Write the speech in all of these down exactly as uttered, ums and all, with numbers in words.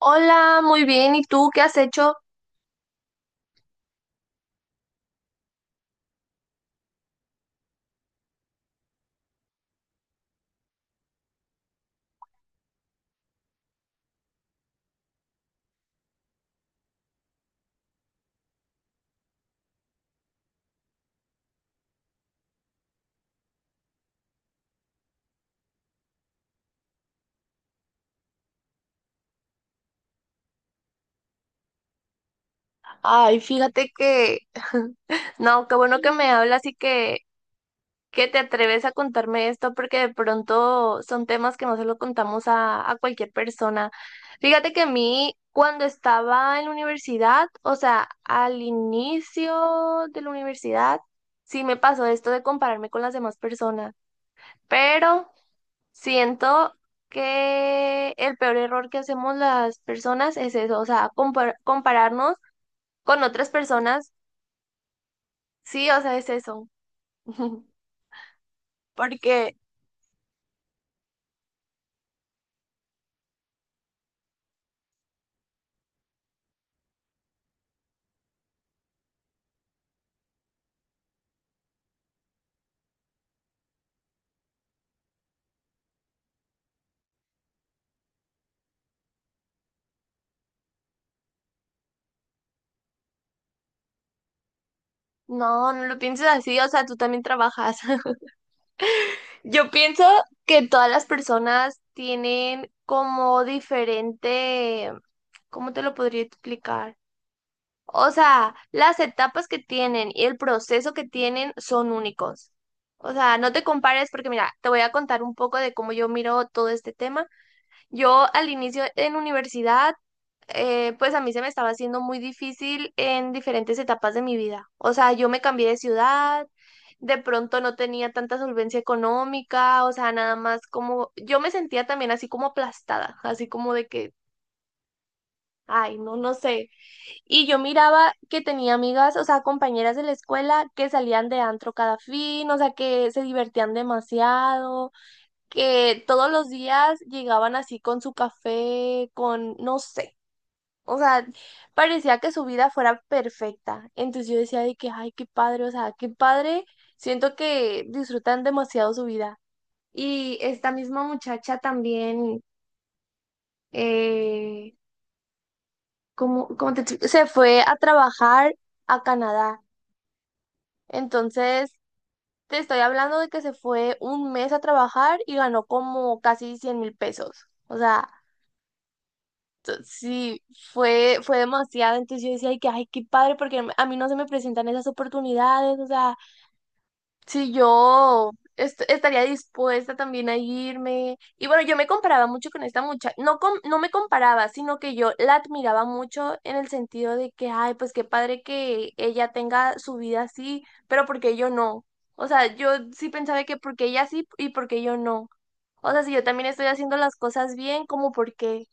Hola, muy bien. ¿Y tú qué has hecho? Ay, fíjate que... No, qué bueno que me hablas y que, que te atreves a contarme esto porque de pronto son temas que no se lo contamos a, a cualquier persona. Fíjate que a mí, cuando estaba en la universidad, o sea, al inicio de la universidad, sí me pasó esto de compararme con las demás personas, pero... Siento que el peor error que hacemos las personas es eso, o sea, compar- compararnos con otras personas, sí, o sea, es eso. Porque no, no lo pienses así, o sea, tú también trabajas. Yo pienso que todas las personas tienen como diferente, ¿cómo te lo podría explicar? O sea, las etapas que tienen y el proceso que tienen son únicos. O sea, no te compares porque mira, te voy a contar un poco de cómo yo miro todo este tema. Yo al inicio en universidad, eh, pues a mí se me estaba haciendo muy difícil en diferentes etapas de mi vida. O sea, yo me cambié de ciudad, de pronto no tenía tanta solvencia económica, o sea, nada más como yo me sentía también así como aplastada, así como de que, ay, no, no sé. Y yo miraba que tenía amigas, o sea, compañeras de la escuela que salían de antro cada fin, o sea, que se divertían demasiado, que todos los días llegaban así con su café, con, no sé, o sea, parecía que su vida fuera perfecta. Entonces yo decía de que, ay, qué padre, o sea, qué padre, siento que disfrutan demasiado su vida. Y esta misma muchacha también, eh, como, como te explico? Se fue a trabajar a Canadá. Entonces, te estoy hablando de que se fue un mes a trabajar y ganó como casi cien mil pesos. O sea, t- sí, fue, fue demasiado. Entonces yo decía, ay, que, ay, qué padre, porque a mí no se me presentan esas oportunidades. O sea, si yo est- estaría dispuesta también a irme. Y bueno, yo me comparaba mucho con esta muchacha. No, com- no me comparaba, sino que yo la admiraba mucho en el sentido de que, ay, pues qué padre que ella tenga su vida así, ¿pero porque yo no? O sea, yo sí pensaba que porque ella sí y porque yo no. O sea, si yo también estoy haciendo las cosas bien, como por qué?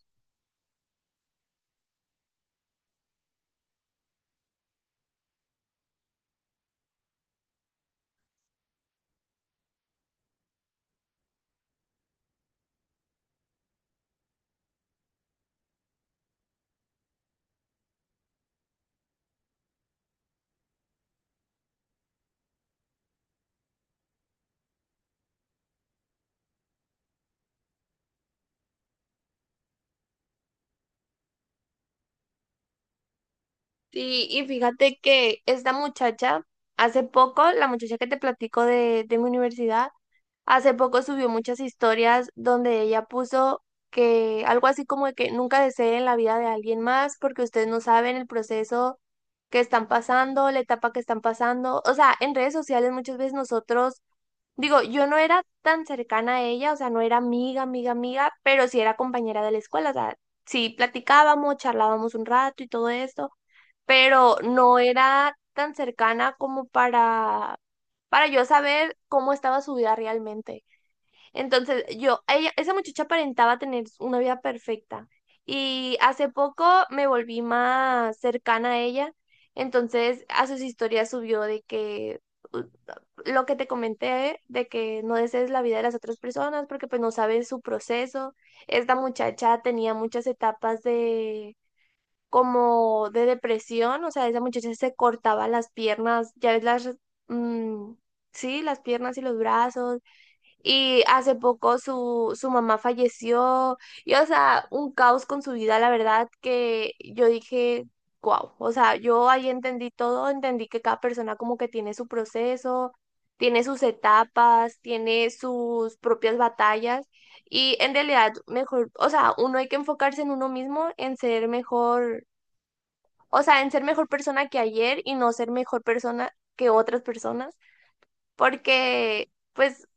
Sí, y fíjate que esta muchacha, hace poco, la muchacha que te platico de, de mi universidad, hace poco subió muchas historias donde ella puso que algo así como de que nunca deseen la vida de alguien más porque ustedes no saben el proceso que están pasando, la etapa que están pasando. O sea, en redes sociales muchas veces nosotros... Digo, yo no era tan cercana a ella, o sea, no era amiga, amiga, amiga, pero sí era compañera de la escuela, o sea, sí platicábamos, charlábamos un rato y todo esto, pero no era tan cercana como para, para yo saber cómo estaba su vida realmente. Entonces, yo, ella, esa muchacha aparentaba tener una vida perfecta y hace poco me volví más cercana a ella, entonces a sus historias subió de que lo que te comenté de que no desees la vida de las otras personas porque pues no sabes su proceso. Esta muchacha tenía muchas etapas de como de depresión, o sea, esa muchacha se cortaba las piernas, ya ves las, mm, sí, las piernas y los brazos y hace poco su, su mamá falleció. Y, o sea, un caos con su vida, la verdad, que yo dije, wow. O sea, yo ahí entendí todo, entendí que cada persona como que tiene su proceso, tiene sus etapas, tiene sus propias batallas. Y en realidad, mejor, o sea, uno hay que enfocarse en uno mismo, en ser mejor, o sea, en ser mejor persona que ayer y no ser mejor persona que otras personas, porque pues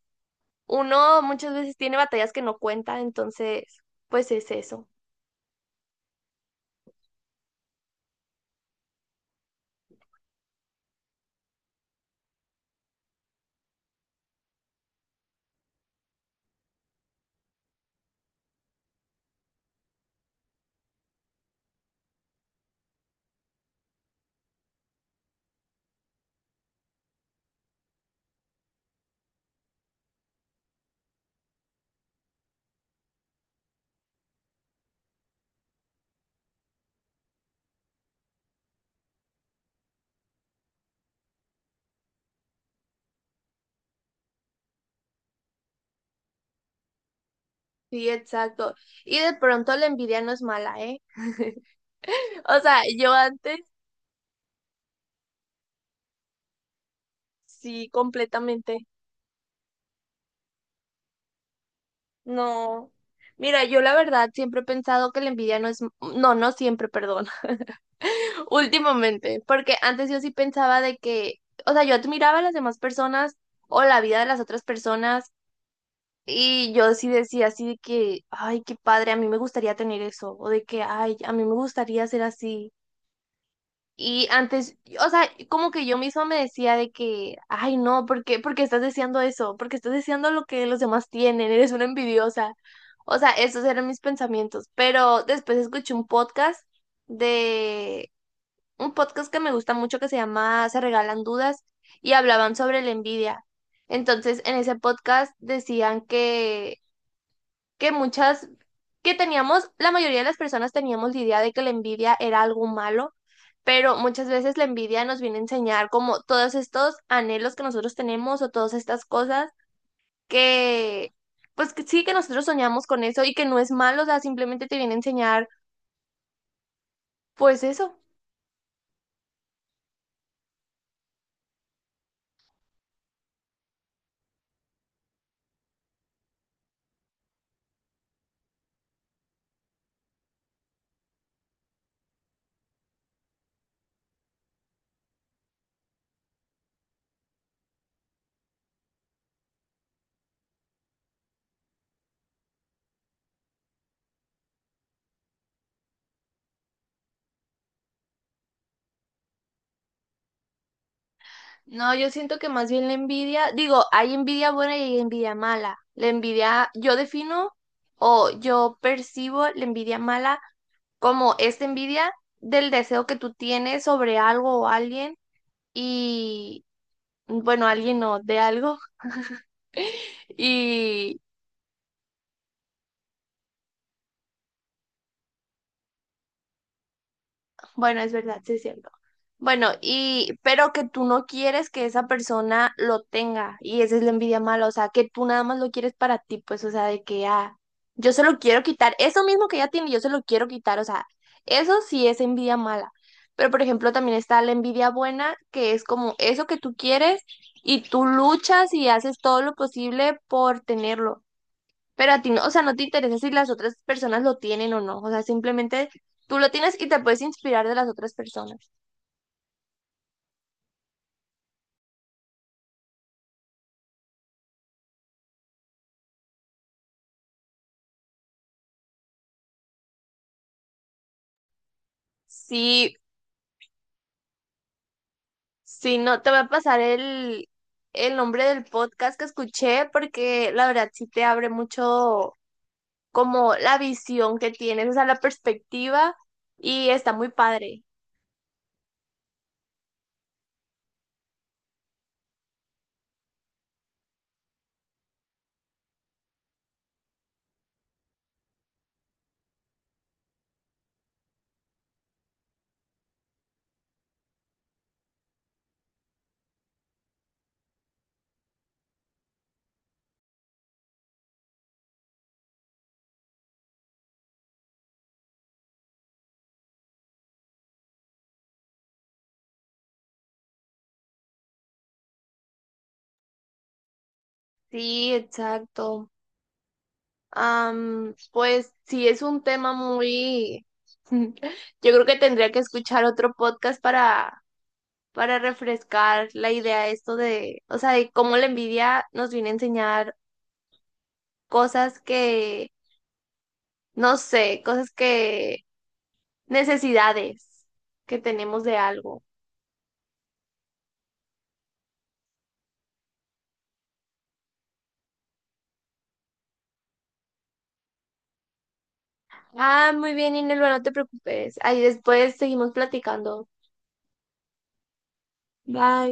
uno muchas veces tiene batallas que no cuenta, entonces, pues es eso. Sí, exacto. Y de pronto la envidia no es mala, ¿eh? O sea, yo antes sí, completamente. No. Mira, yo la verdad siempre he pensado que la envidia no es, no, no siempre, perdón, últimamente, porque antes yo sí pensaba de que, o sea, yo admiraba a las demás personas o la vida de las otras personas. Y yo sí decía así de que, ay, qué padre, a mí me gustaría tener eso, o de que, ay, a mí me gustaría ser así. Y antes, o sea, como que yo misma me decía de que, ay, no, ¿por qué? ¿Por qué estás deseando eso? ¿Por qué estás deseando lo que los demás tienen? Eres una envidiosa. O sea, esos eran mis pensamientos. Pero después escuché un podcast de, un podcast que me gusta mucho que se llama Se Regalan Dudas y hablaban sobre la envidia. Entonces, en ese podcast decían que que muchas, que teníamos, la mayoría de las personas teníamos la idea de que la envidia era algo malo, pero muchas veces la envidia nos viene a enseñar como todos estos anhelos que nosotros tenemos o todas estas cosas que, pues que sí, que nosotros soñamos con eso y que no es malo, o sea, simplemente te viene a enseñar, pues eso. No, yo siento que más bien la envidia, digo, hay envidia buena y hay envidia mala. La envidia, yo defino o yo percibo la envidia mala como esta envidia del deseo que tú tienes sobre algo o alguien y, bueno, alguien no, de algo. Y, bueno, es verdad, sí es cierto. Bueno, y pero que tú no quieres que esa persona lo tenga, y esa es la envidia mala, o sea, que tú nada más lo quieres para ti, pues, o sea, de que ah, yo se lo quiero quitar, eso mismo que ella tiene, yo se lo quiero quitar, o sea, eso sí es envidia mala. Pero, por ejemplo, también está la envidia buena, que es como eso que tú quieres y tú luchas y haces todo lo posible por tenerlo. Pero a ti no, o sea, no te interesa si las otras personas lo tienen o no. O sea, simplemente tú lo tienes y te puedes inspirar de las otras personas. Sí, sí, no, te voy a pasar el, el nombre del podcast que escuché porque la verdad sí te abre mucho como la visión que tienes, o sea, la perspectiva y está muy padre. Sí, exacto. Am, pues sí, es un tema muy... Yo creo que tendría que escuchar otro podcast para para refrescar la idea de esto de, o sea, de cómo la envidia nos viene a enseñar cosas que, no sé, cosas que, necesidades que tenemos de algo. Ah, muy bien, Inelva, no te preocupes. Ahí después seguimos platicando. Bye.